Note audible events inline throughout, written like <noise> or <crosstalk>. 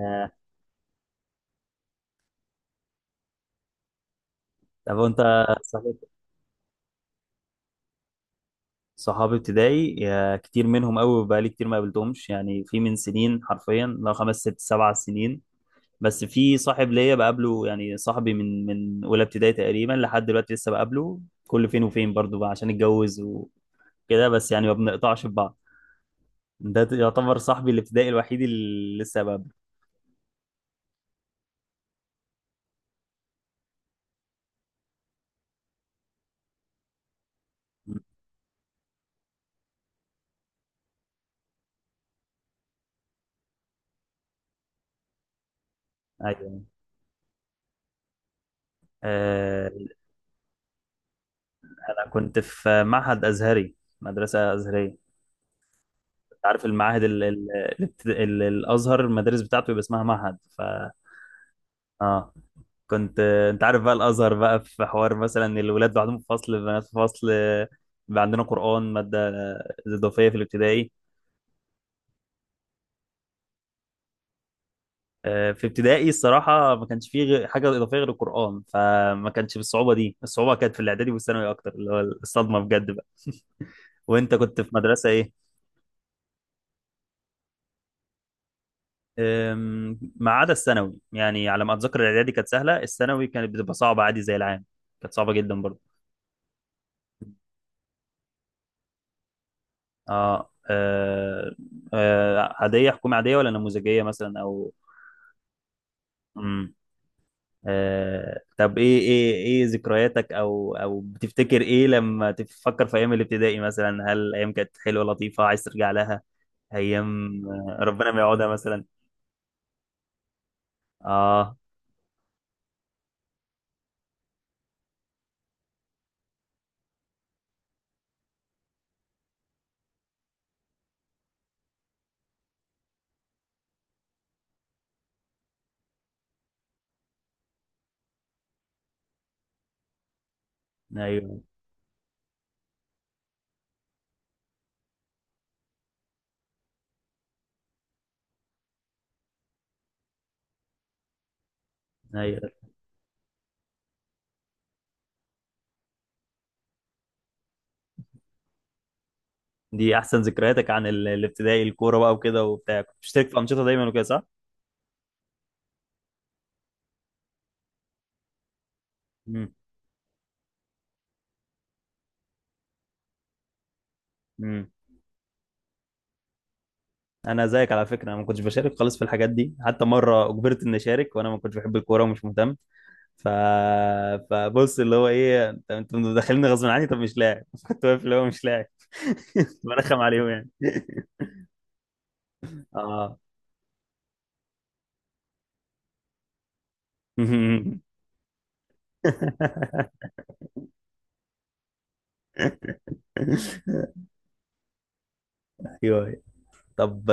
آه، طب وانت صحيح. صحابي ابتدائي كتير منهم قوي، بقالي كتير ما قابلتهمش يعني، في من سنين حرفيا لو 5 6 7 سنين. بس في صاحب ليا بقابله يعني، صاحبي من اولى ابتدائي تقريبا لحد دلوقتي لسه بقابله كل فين وفين، برضو بقى عشان اتجوز وكده، بس يعني ما بنقطعش ببعض. ده يعتبر صاحبي الابتدائي الوحيد اللي لسه بقابله. ايوه. آه، انا كنت في معهد ازهري، مدرسة أزهرية. عارف المعاهد الازهر المدارس بتاعته يبقى اسمها معهد ف اه. كنت انت عارف بقى الازهر، بقى في حوار مثلا الولاد لوحدهم في فصل، البنات في فصل، بقى عندنا قران، ماده اضافيه في الابتدائي. في ابتدائي الصراحه ما كانش فيه حاجه اضافيه غير القران، فما كانش بالصعوبه دي. الصعوبه كانت في الاعدادي والثانوي اكتر، اللي هو الصدمه بجد بقى. وانت كنت في مدرسه ايه؟ ما عدا الثانوي يعني، على ما اتذكر الاعدادي كانت سهله، الثانوي كانت بتبقى صعبه عادي زي العام. كانت صعبه جدا برضه. اه. عادية، حكومة عادية ولا نموذجية مثلا او. مم. آه. طب ايه ذكرياتك، او بتفتكر ايه لما تفكر في ايام الابتدائي مثلا؟ هل ايام كانت حلوة لطيفة عايز ترجع لها؟ ايام ربنا ما يعودها مثلا؟ اه. ايوه، ايوه. دي احسن ذكرياتك عن ال- الابتدائي الكورة بقى وكده وبتاع؟ كنت بتشترك في انشطة دايما وكده صح؟ مم. مم. انا زيك على فكره، انا ما كنتش بشارك خالص في الحاجات دي، حتى مره اجبرت اني اشارك وانا ما كنتش بحب الكوره ومش مهتم ف... فبص، اللي هو ايه، انت مدخليني غصب عني، طب مش لاعب. <laughs> كنت واقف اللي هو مش لاعب. <laughs> برخم عليهم يعني. <laughs> اه. <laughs> ايوه. طب.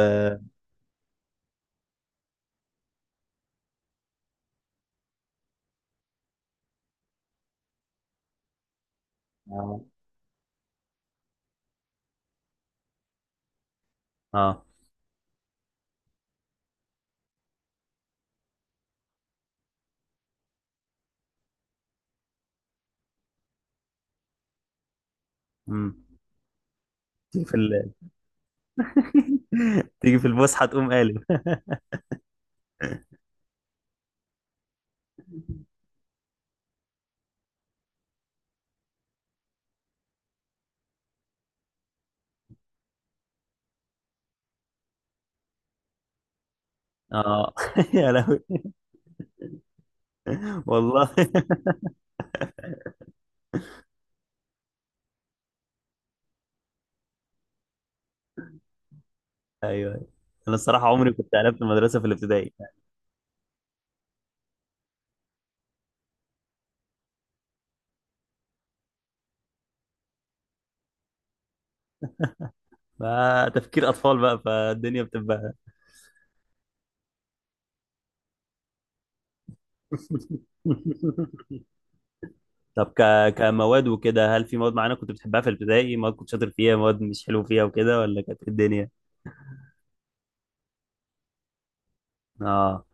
اه، اه. مم. تيجي في <laughs> تيجي في الفسحه تقوم قالب. اه. <laughs> يا لهوي والله. <laughs> ايوه. انا الصراحه عمري كنت قلبت المدرسه في الابتدائي، فتفكير اطفال بقى، فالدنيا بتبقى. <laughs> طب كمواد وكده، هل في مواد معينة كنت بتحبها في الابتدائي؟ مواد كنت شاطر فيها، مواد مش حلو فيها وكده، ولا كانت إيه الدنيا؟ اه.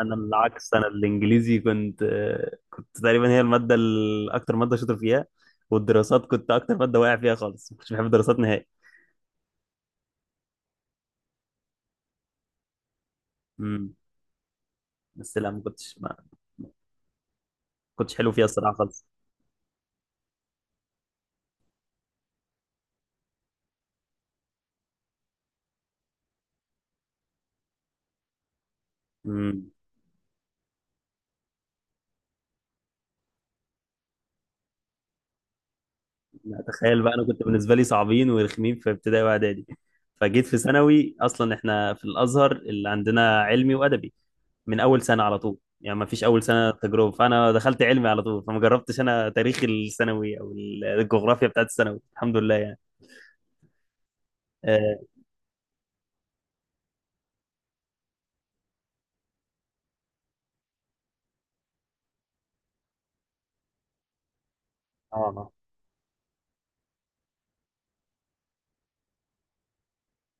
انا العكس، انا الانجليزي كنت، كنت تقريبا هي المادة اكتر مادة شاطر فيها. والدراسات كنت اكتر مادة واقع فيها خالص، ما كنتش بحب الدراسات نهائي. امم بس لا، ما كنتش حلو فيها الصراحة خالص. امم لا، تخيل بقى، انا كنت بالنسبة لي صعبين ورخمين في ابتدائي واعدادي، فجيت في ثانوي، اصلا احنا في الازهر اللي عندنا علمي وادبي من اول سنه على طول يعني، ما فيش اول سنه تجربه. فانا دخلت علمي على طول، فما جربتش انا تاريخ الثانوي او الجغرافيا بتاعت الثانوي الحمد لله يعني. اه، اه.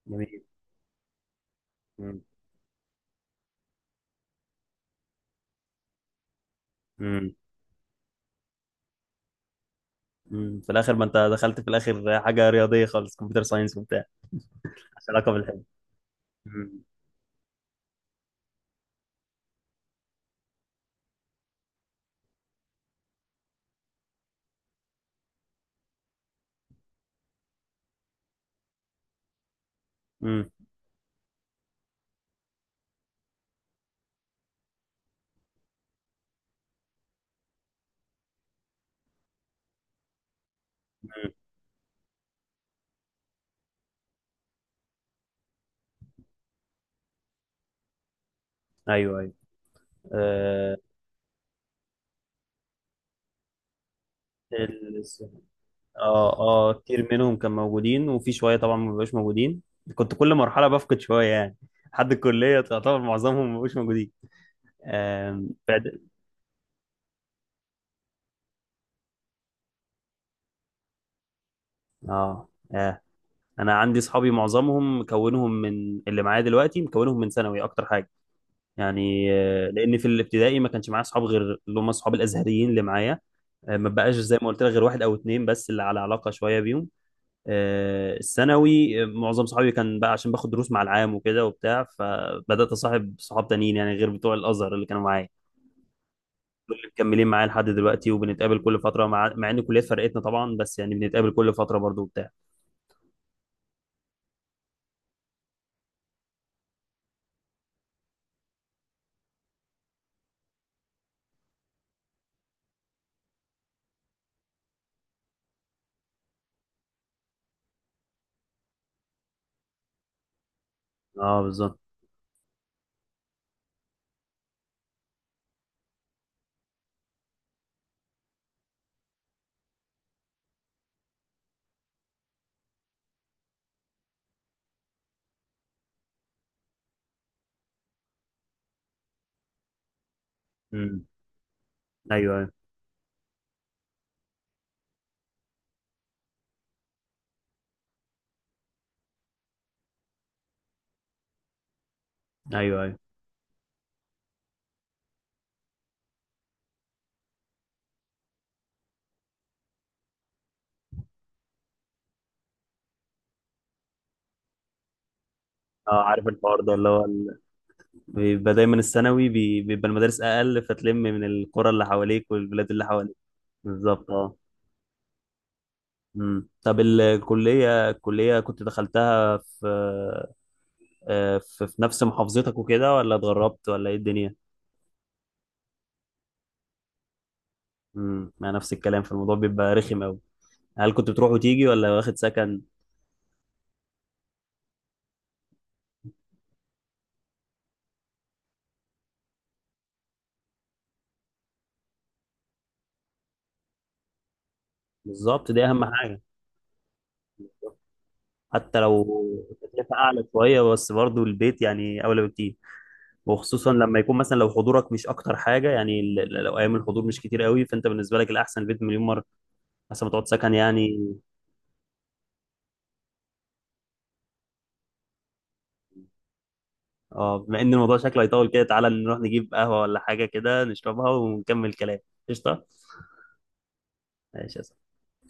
جميل. مم. مم. مم. في الاخر ما انت دخلت في الاخر حاجه رياضيه خالص، كمبيوتر ساينس وبتاع، مش علاقه بالحلم. مم. مم. مم. ايوه، ايوه. آه. ال- اه، اه، كتير منهم كان موجودين، وفي شويه طبعا ما بقوش موجودين. كنت كل مرحله بفقد شويه يعني، لحد الكليه تعتبر معظمهم ما بقوش موجودين. آم، اه، اه. انا عندي صحابي معظمهم مكونهم من اللي معايا دلوقتي، مكونهم من ثانوي اكتر حاجه يعني. لان في الابتدائي ما كانش معايا صحاب، غير اللي هم صحاب الازهريين اللي معايا. ما بقاش زي ما قلت لك غير واحد او اتنين بس اللي على علاقه شويه بيهم. الثانوي، معظم صحابي كان بقى عشان باخد دروس مع العام وكده وبتاع، فبدات اصاحب صحاب تانيين يعني غير بتوع الازهر اللي كانوا معايا. دول اللي مكملين معايا لحد دلوقتي، وبنتقابل كل فتره، مع ان الكليات فرقتنا طبعا، بس يعني بنتقابل كل فتره برضو وبتاع. اه، بالظبط. امم ايوه، أيوه. ايوه، ايوه. اه. عارف الحوار ده، اللي هو بيبقى دايما الثانوي بيبقى المدارس اقل، فتلم من القرى اللي حواليك والبلاد اللي حواليك. بالظبط، اه. طب الكليه كنت دخلتها في في نفس محافظتك وكده، ولا اتغربت ولا ايه الدنيا؟ مع نفس الكلام في الموضوع بيبقى رخم قوي. هل كنت بتروح وتيجي ولا واخد سكن؟ بالظبط، دي اهم حاجه. حتى لو التكلفه اعلى شويه بس برضو البيت يعني اولى بكتير، وخصوصا لما يكون مثلا لو حضورك مش اكتر حاجه يعني، لو ايام الحضور مش كتير قوي، فانت بالنسبه لك الاحسن بيت مليون مره، احسن ما تقعد سكن يعني. اه، بما ان الموضوع شكله هيطول كده، تعالى نروح نجيب قهوه ولا حاجه كده نشربها ونكمل كلام. قشطه. ماشي يا